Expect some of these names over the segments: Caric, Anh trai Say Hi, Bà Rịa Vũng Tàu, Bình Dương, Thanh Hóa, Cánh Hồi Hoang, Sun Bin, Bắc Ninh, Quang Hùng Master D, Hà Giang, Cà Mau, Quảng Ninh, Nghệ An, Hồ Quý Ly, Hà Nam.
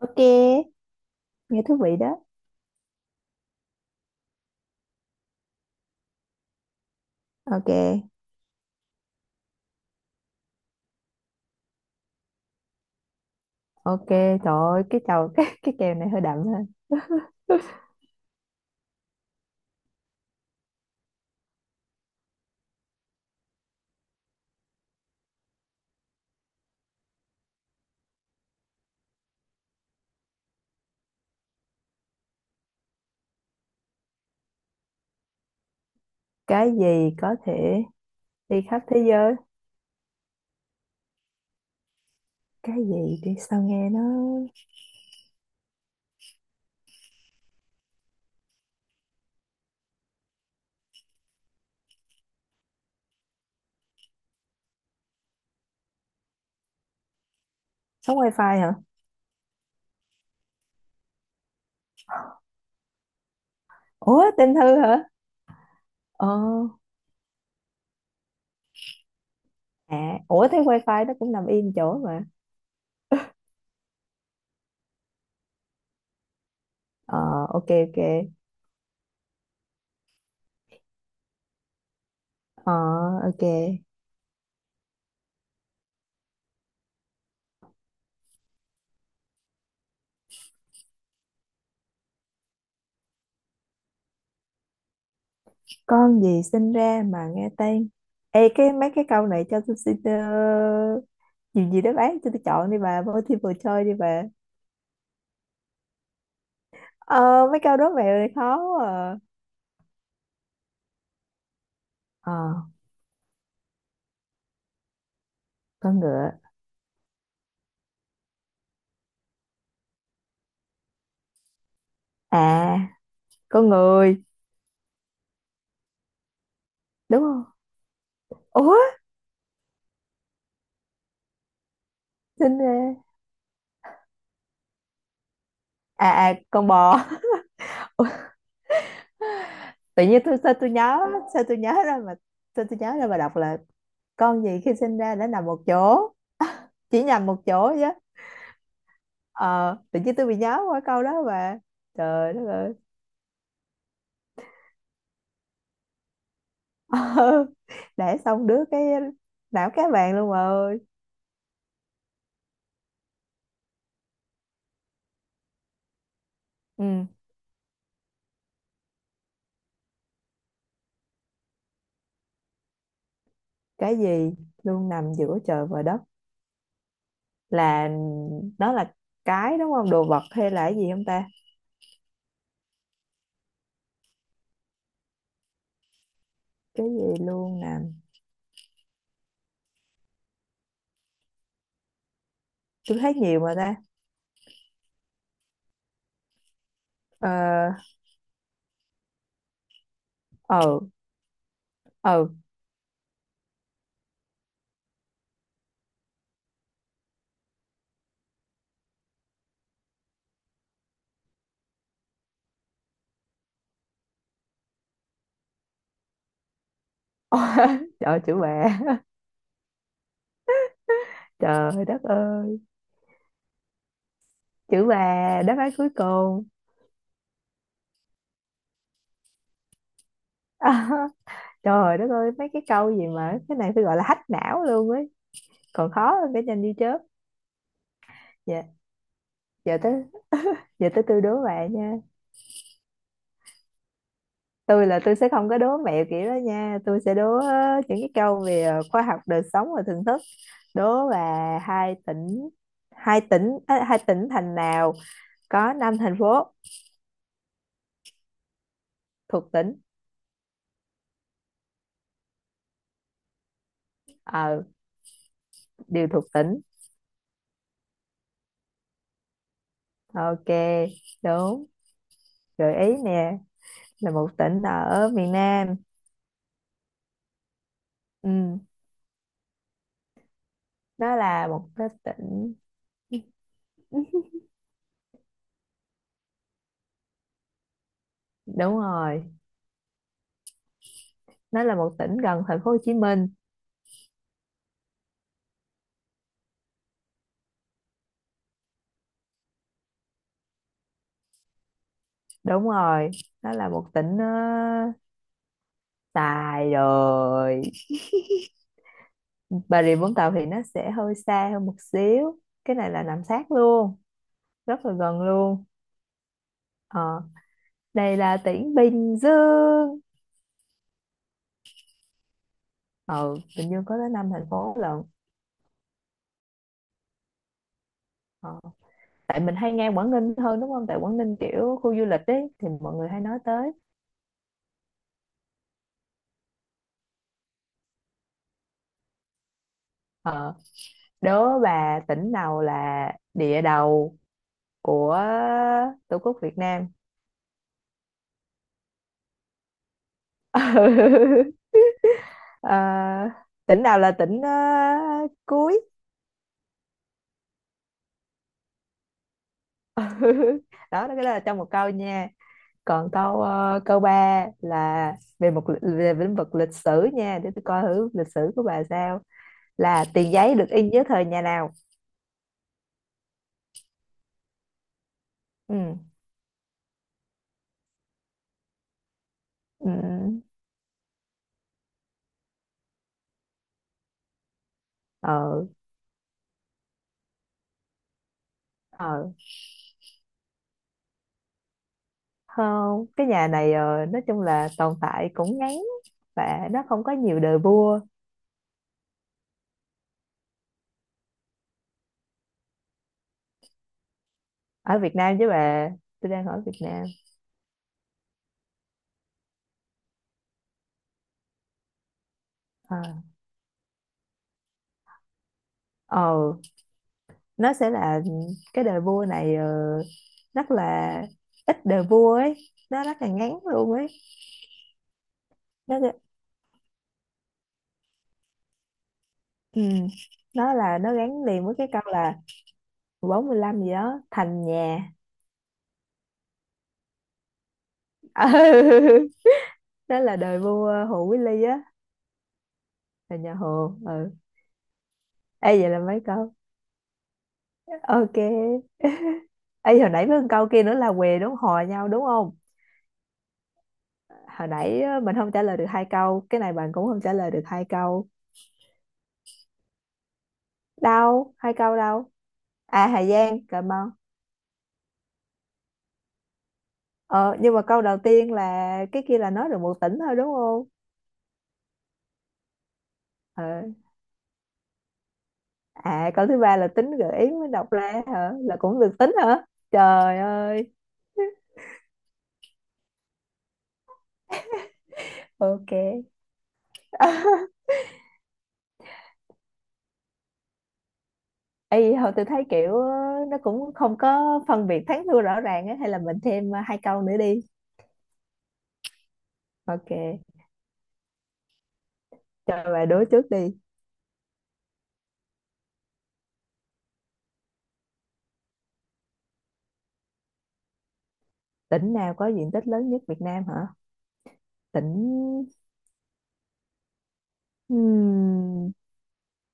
Ok, nghe thú vị đó. Ok, ok, trời ơi, cái chầu cái kèo này hơi đậm ha. Cái gì có thể đi khắp thế giới? Cái gì đi sao nghe nó sống wifi hả? Ủa, tên Thư hả? Ờ, à, ủa thế wifi nó cũng nằm yên chỗ mà. Ờ, ok ok. Ờ, ok. Con gì sinh ra mà nghe tên? Ê, cái mấy cái câu này cho tôi xin gì gì đáp án cho tôi chọn đi bà, multiple choice đi bà. Ờ, mấy câu đố mẹo này khó quá à. Ờ, con ngựa. À, con người đúng không. Ủa, xin ra. À, à, con bò. Ủa, tự nhiên tôi sao tôi nhớ ra mà sao tôi nhớ ra mà đọc là con gì khi sinh ra đã nằm một chỗ. Chỉ nằm một chỗ chứ. Ờ, tự nhiên tôi bị nhớ qua câu đó mà, trời đất ơi. Ờ, để xong đứa cái não cá vàng luôn mà ơi. Ừ, cái gì luôn nằm giữa trời và đất? Là nó là cái đúng không, đồ vật hay là cái gì không ta? Cái gì luôn nè, tôi thấy nhiều mà ta. Ờ. Ờ. Ờ. Trời ơi, chữ bà. Trời đất ơi, chữ bà đáp án cuối cùng. Trời đất ơi, mấy cái câu gì mà cái này phải gọi là hack não luôn ấy, còn khó hơn cái nhanh như chớp. Dạ. Giờ tới giờ tới tôi đố bạn nha. Tôi là tôi sẽ không có đố mẹo kiểu đó nha, tôi sẽ đố những cái câu về khoa học đời sống và thưởng thức. Đố là hai tỉnh, hai tỉnh thành nào có năm thành phố thuộc tính? Ờ, điều thuộc tính. Ok, đúng. Gợi ý nè, là một tỉnh ở miền Nam. Ừ, nó là một cái tỉnh. Đúng rồi, nó là một tỉnh gần thành phố Hồ Chí Minh. Đúng rồi, nó là một tỉnh xài rồi. Bà Rịa Vũng Tàu thì nó sẽ hơi xa hơn một xíu, cái này là nằm sát luôn, rất là gần luôn. Ờ, đây là tỉnh Bình Dương. Ừ, Bình Dương có tới năm thành phố lận. Ờ, tại mình hay nghe Quảng Ninh hơn đúng không, tại Quảng Ninh kiểu khu du lịch ấy thì mọi người hay nói tới. ờ, Đố bà tỉnh nào là địa đầu của Tổ quốc Việt Nam? Ờ, tỉnh nào là tỉnh cuối. Đó, cái đó là trong một câu nha. Còn câu câu ba là về về lĩnh vực lịch sử nha, để tôi coi thử lịch sử của bà sao. Là tiền giấy được in dưới thời nhà nào? Ừ. Ừ. Ờ. Ờ. Không, cái nhà này nói chung là tồn tại cũng ngắn, và nó không có nhiều đời vua. Ở Việt Nam chứ bà, tôi đang ở Việt Nam. Ờ. Ờ, nó sẽ là cái đời vua này rất là ít đời vua ấy, nó rất là ngắn luôn ấy. nó sẽ- ừ, nó gắn liền với cái câu là 45 gì đó thành nhà. Ừ, đó là đời vua Hồ Quý Ly á, là nhà Hồ. Ừ. Ê vậy là mấy câu, ok. Ê, hồi nãy với câu kia nữa là què đúng hò nhau đúng không? Hồi nãy á, mình không trả lời được hai câu, cái này bạn cũng không trả lời được hai câu. Đâu? Hai câu đâu? À, Hà Giang, Cà Mau. Ờ, nhưng mà câu đầu tiên là cái kia là nói được một tỉnh thôi đúng không? Ờ. À, câu thứ ba là tính gợi ý mới đọc ra hả? Là cũng được tính hả? Trời ơi. Ok. Ê, hồi tôi thấy kiểu nó cũng không có phân biệt thắng thua rõ ràng á, hay là mình thêm hai câu nữa đi. Ok, cho bà đố trước đi. Tỉnh nào có diện tích lớn nhất Việt Nam hả? Tỉnh hmm.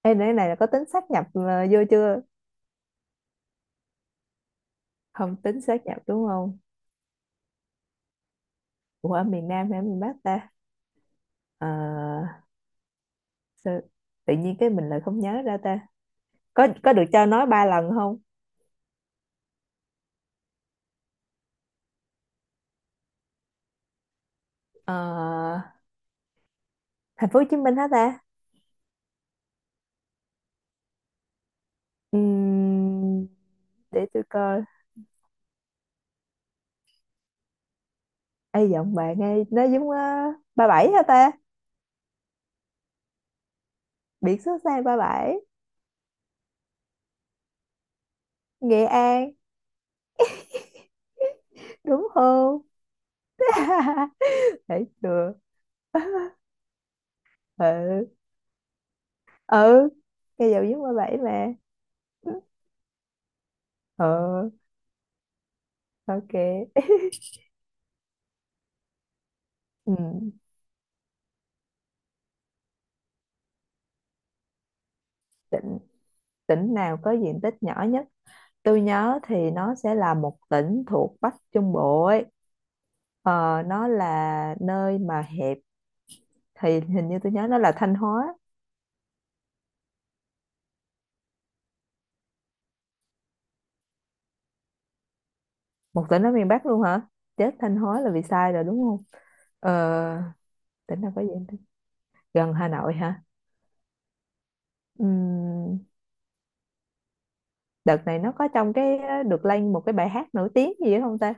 Ê, nãy này là có tính sáp nhập vô chưa? Không tính sáp nhập đúng không? Ủa, ở miền Nam hay ở miền Bắc ta? Ờ, sao- Tự nhiên cái mình lại không nhớ ra ta. Có được cho nói ba lần không? Ờ, Thành phố Hồ Chí Minh hả ta? Ừm, để tôi coi. Ê giọng bạn nghe nó giống 37 hả ta? Biển số xe 37, Nghệ An đúng không? Thấy chưa? Ừ. Ừ, cây dầu dứt qua bảy mà. Ừ, ok. Ừ. tỉnh tỉnh nào có diện tích nhỏ nhất? Tôi nhớ thì nó sẽ là một tỉnh thuộc Bắc Trung Bộ ấy, nó là nơi mà hẹp, thì hình như tôi nhớ nó là Thanh Hóa. Một tỉnh ở miền Bắc luôn hả? Chết, Thanh Hóa là vì sai rồi đúng không? ờ, Tỉnh nào có diện tích gần Hà Nội hả? Ừm, Đợt này nó có trong cái được lên một cái bài hát nổi tiếng gì đó không ta?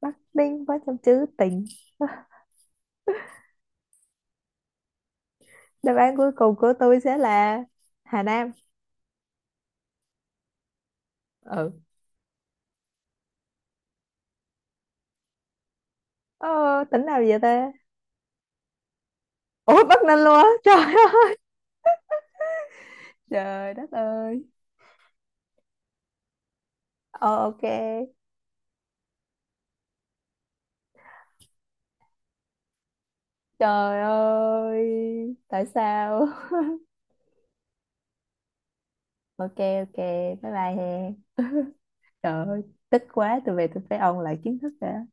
Bắc Ninh có trong trữ tình. Đáp án cuối cùng của tôi sẽ là Hà Nam. Ừ. ờ, Tỉnh nào vậy ta? Ủa, Bắc Ninh luôn á, trời ơi. Trời đất ơi. Ờ, ok. Trời ơi, tại sao. Ok, ok, bye bye he. Trời ơi, tức quá, tôi về tôi phải ôn lại kiến thức đã.